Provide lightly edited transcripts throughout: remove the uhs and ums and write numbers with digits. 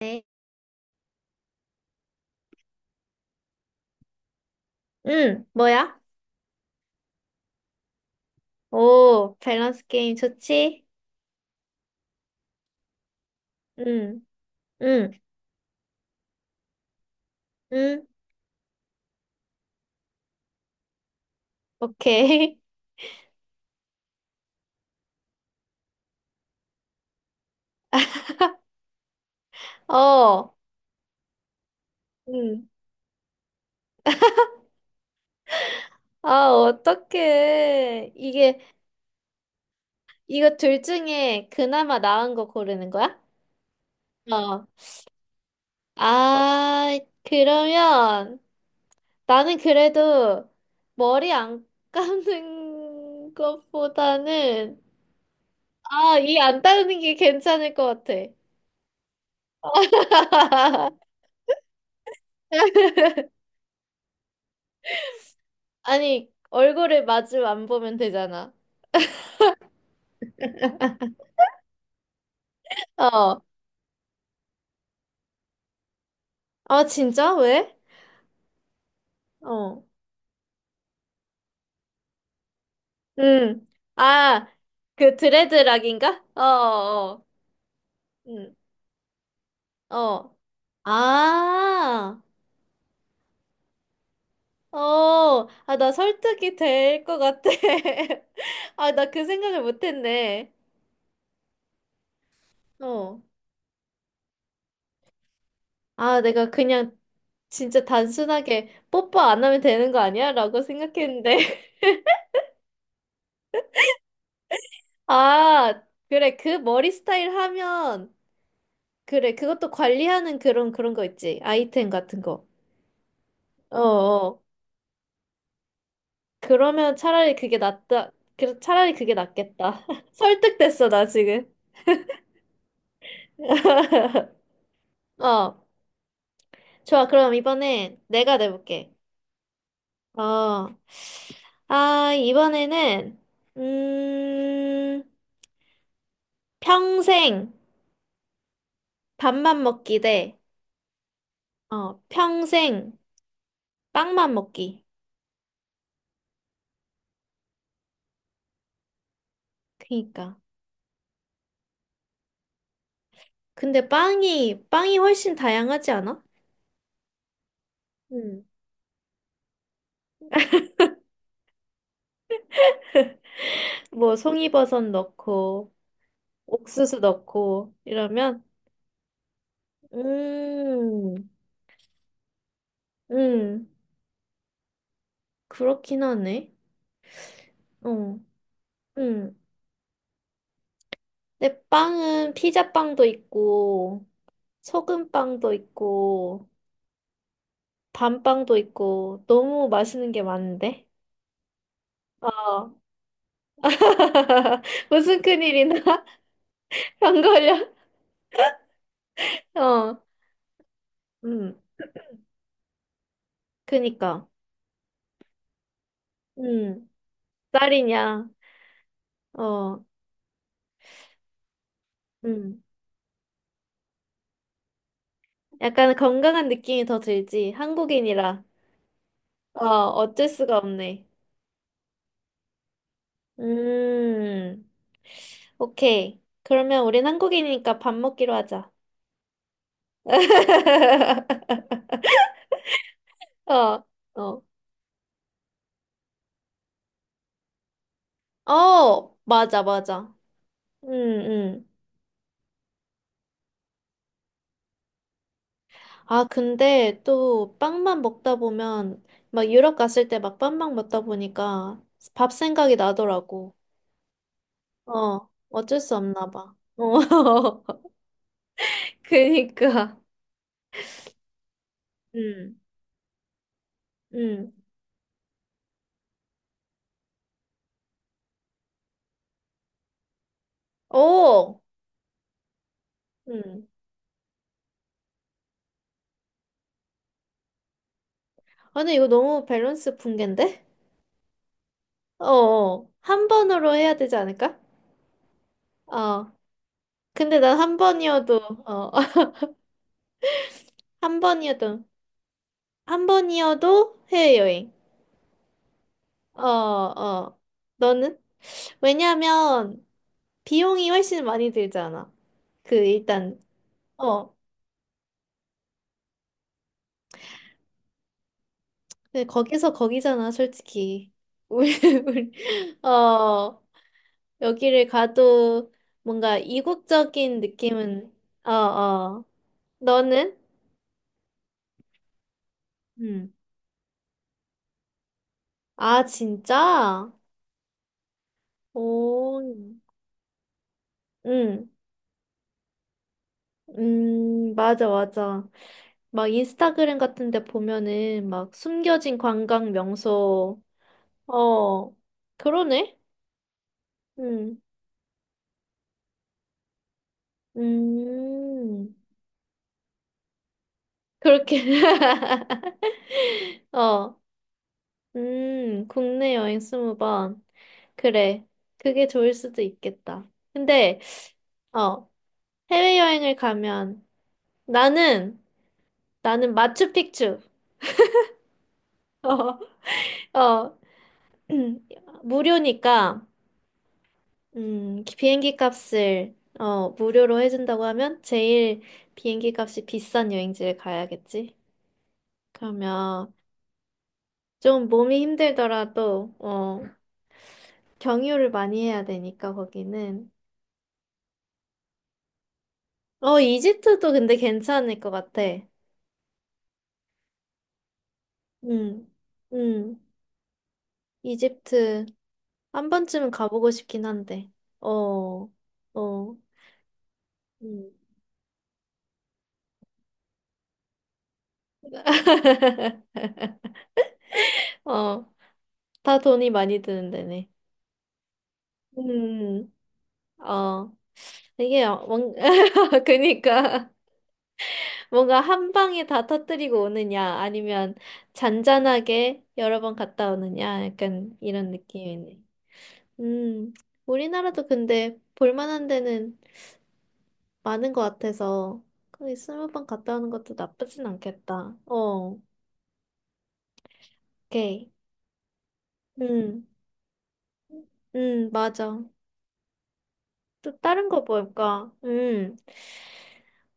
네. 응, 뭐야? 오, 밸런스 게임 좋지? 응, 응, 응, 오케이. 어, 응. 아, 어떡해. 이거 둘 중에 그나마 나은 거 고르는 거야? 어. 아, 그러면 나는 그래도 머리 안 감는 것보다는, 아, 이 안 따르는 게 괜찮을 것 같아. 아니, 얼굴을 마주 안 보면 되잖아. 어. 아, 진짜? 왜? 어. 음. 아, 그 드레드락인가? 어, 어. 어. 음. 어. 아. 어. 아, 나 설득이 될 것 같아. 아, 나 그 생각을 못 했네. 어. 아, 내가 그냥 진짜 단순하게 뽀뽀 안 하면 되는 거 아니야? 라고 생각했는데. 아, 그래. 그 머리 스타일 하면 그래, 그것도 관리하는 그런 거 있지. 아이템 같은 거. 어, 어. 그러면 차라리 그게 낫다. 그, 차라리 그게 낫겠다. 설득됐어, 나 지금. 어. 좋아, 그럼 이번엔 내가 내볼게. 어. 아, 이번에는, 음, 평생 밥만 먹기 대, 어, 평생 빵만 먹기. 그니까. 근데 빵이 훨씬 다양하지 않아? 음. 뭐 송이버섯 넣고 옥수수 넣고 이러면 음, 음, 그렇긴 하네. 어, 음. 근데 빵은 피자빵도 있고 소금빵도 있고 밤빵도 있고 너무 맛있는 게 많은데. 어. 무슨 큰일이나? 병 걸려? 어, 음. 그니까. 음. 딸이냐? 어, 음. 약간 건강한 느낌이 더 들지. 한국인이라. 어, 어쩔 수가 없네. 음, 오케이. 그러면 우린 한국인이니까 밥 먹기로 하자. 어, 어. 어, 맞아, 맞아. 음, 음. 아, 근데 또 빵만 먹다 보면, 막 유럽 갔을 때 막 빵만 먹다 보니까 밥 생각이 나더라고. 어, 어쩔 수 없나 봐. 어, 그니까. 음, 음. 오! 음. 아니, 이거 너무 밸런스 붕괴인데? 어, 어. 한 번으로 해야 되지 않을까? 어. 근데 난 한 번이어도, 어, 한 번이어도, 한 번이어도 해외여행. 어, 어. 너는? 왜냐면, 비용이 훨씬 많이 들잖아. 그, 일단, 어. 근데 거기서 거기잖아, 솔직히. 우리, 우리, 어, 여기를 가도 뭔가 이국적인 느낌은, 어, 어. 너는? 응. 아, 진짜? 오, 응, 맞아, 맞아. 막 인스타그램 같은 데 보면은 막 숨겨진 관광 명소, 어, 그러네? 응, 음, 그렇게. 어, 국내 여행 스무 번. 그래. 그게 좋을 수도 있겠다. 근데, 어, 해외여행을 가면 나는, 나는 마추픽추. 어, 어, 무료니까, 비행기 값을, 어, 무료로 해준다고 하면 제일 비행기 값이 비싼 여행지에 가야겠지. 그러면 좀 몸이 힘들더라도, 어, 경유를 많이 해야 되니까, 거기는. 어, 이집트도 근데 괜찮을 것 같아. 음, 음, 이집트 한 번쯤은 가보고 싶긴 한데, 어, 어, 음. 어, 다 돈이 많이 드는 데네. 음, 어, 이게 뭔, 그니까 뭔가 한 방에 다 터뜨리고 오느냐, 아니면 잔잔하게 여러 번 갔다 오느냐, 약간 이런 느낌이네. 음, 우리나라도 근데 볼만한 데는 많은 것 같아서 거기 스무 번 갔다 오는 것도 나쁘진 않겠다. 어, 오케이. 음, 맞아. 또 다른 거 볼까?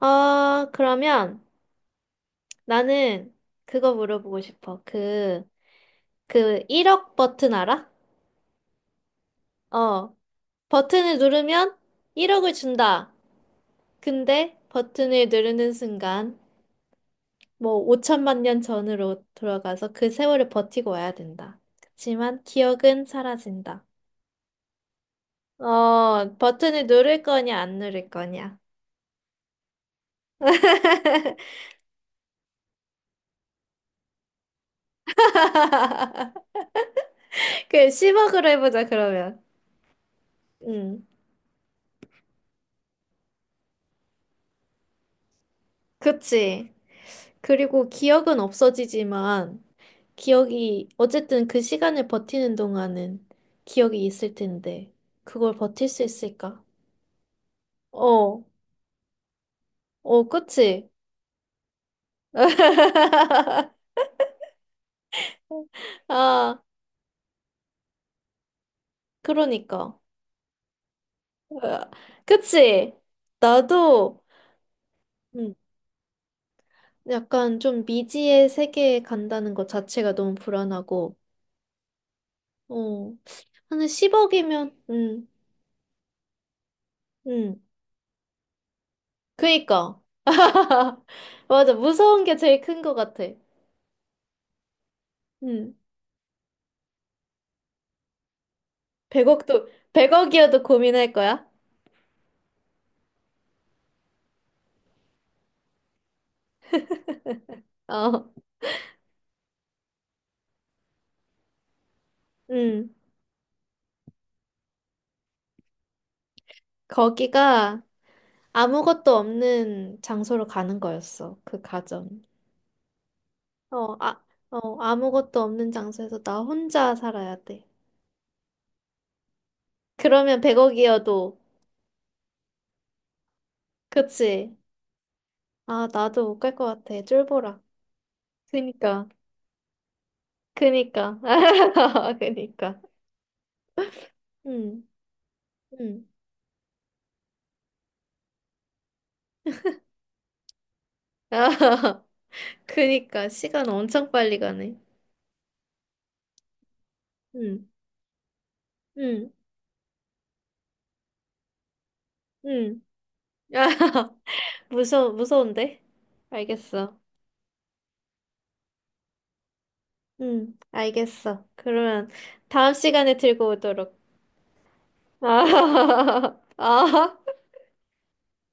아, 그러면. 나는 그거 물어보고 싶어. 그, 그 1억 버튼 알아? 어. 버튼을 누르면 1억을 준다. 근데 버튼을 누르는 순간 뭐 5천만 년 전으로 돌아가서 그 세월을 버티고 와야 된다. 그치만 기억은 사라진다. 어, 버튼을 누를 거냐, 안 누를 거냐. 그 10억으로 해보자, 그러면. 음, 그치. 그리고 기억은 없어지지만 기억이, 어쨌든 그 시간을 버티는 동안은 기억이 있을 텐데, 그걸 버틸 수 있을까? 어, 어, 그치? 아, 그러니까. 으아, 그치? 나도, 음, 약간 좀 미지의 세계에 간다는 것 자체가 너무 불안하고, 어, 한 10억이면, 음, 그니까. 맞아, 무서운 게 제일 큰 것 같아. 음. 백억도 백억이어도 고민할 거야? 어, 응. 거기가 아무것도 없는 장소로 가는 거였어, 그 가정. 어, 아, 어, 아무것도 없는 장소에서 나 혼자 살아야 돼. 그러면 백억이어도 그치? 아, 나도 못 갈 것 같아. 쫄보라. 그니까, 그니까, 그니까. 응, 응. 그니까, 시간 엄청 빨리 가네. 응, 응, 응. 야, 무서워, 무서운데? 알겠어. 응, 알겠어. 그러면 다음 시간에 들고 오도록. 아, 아.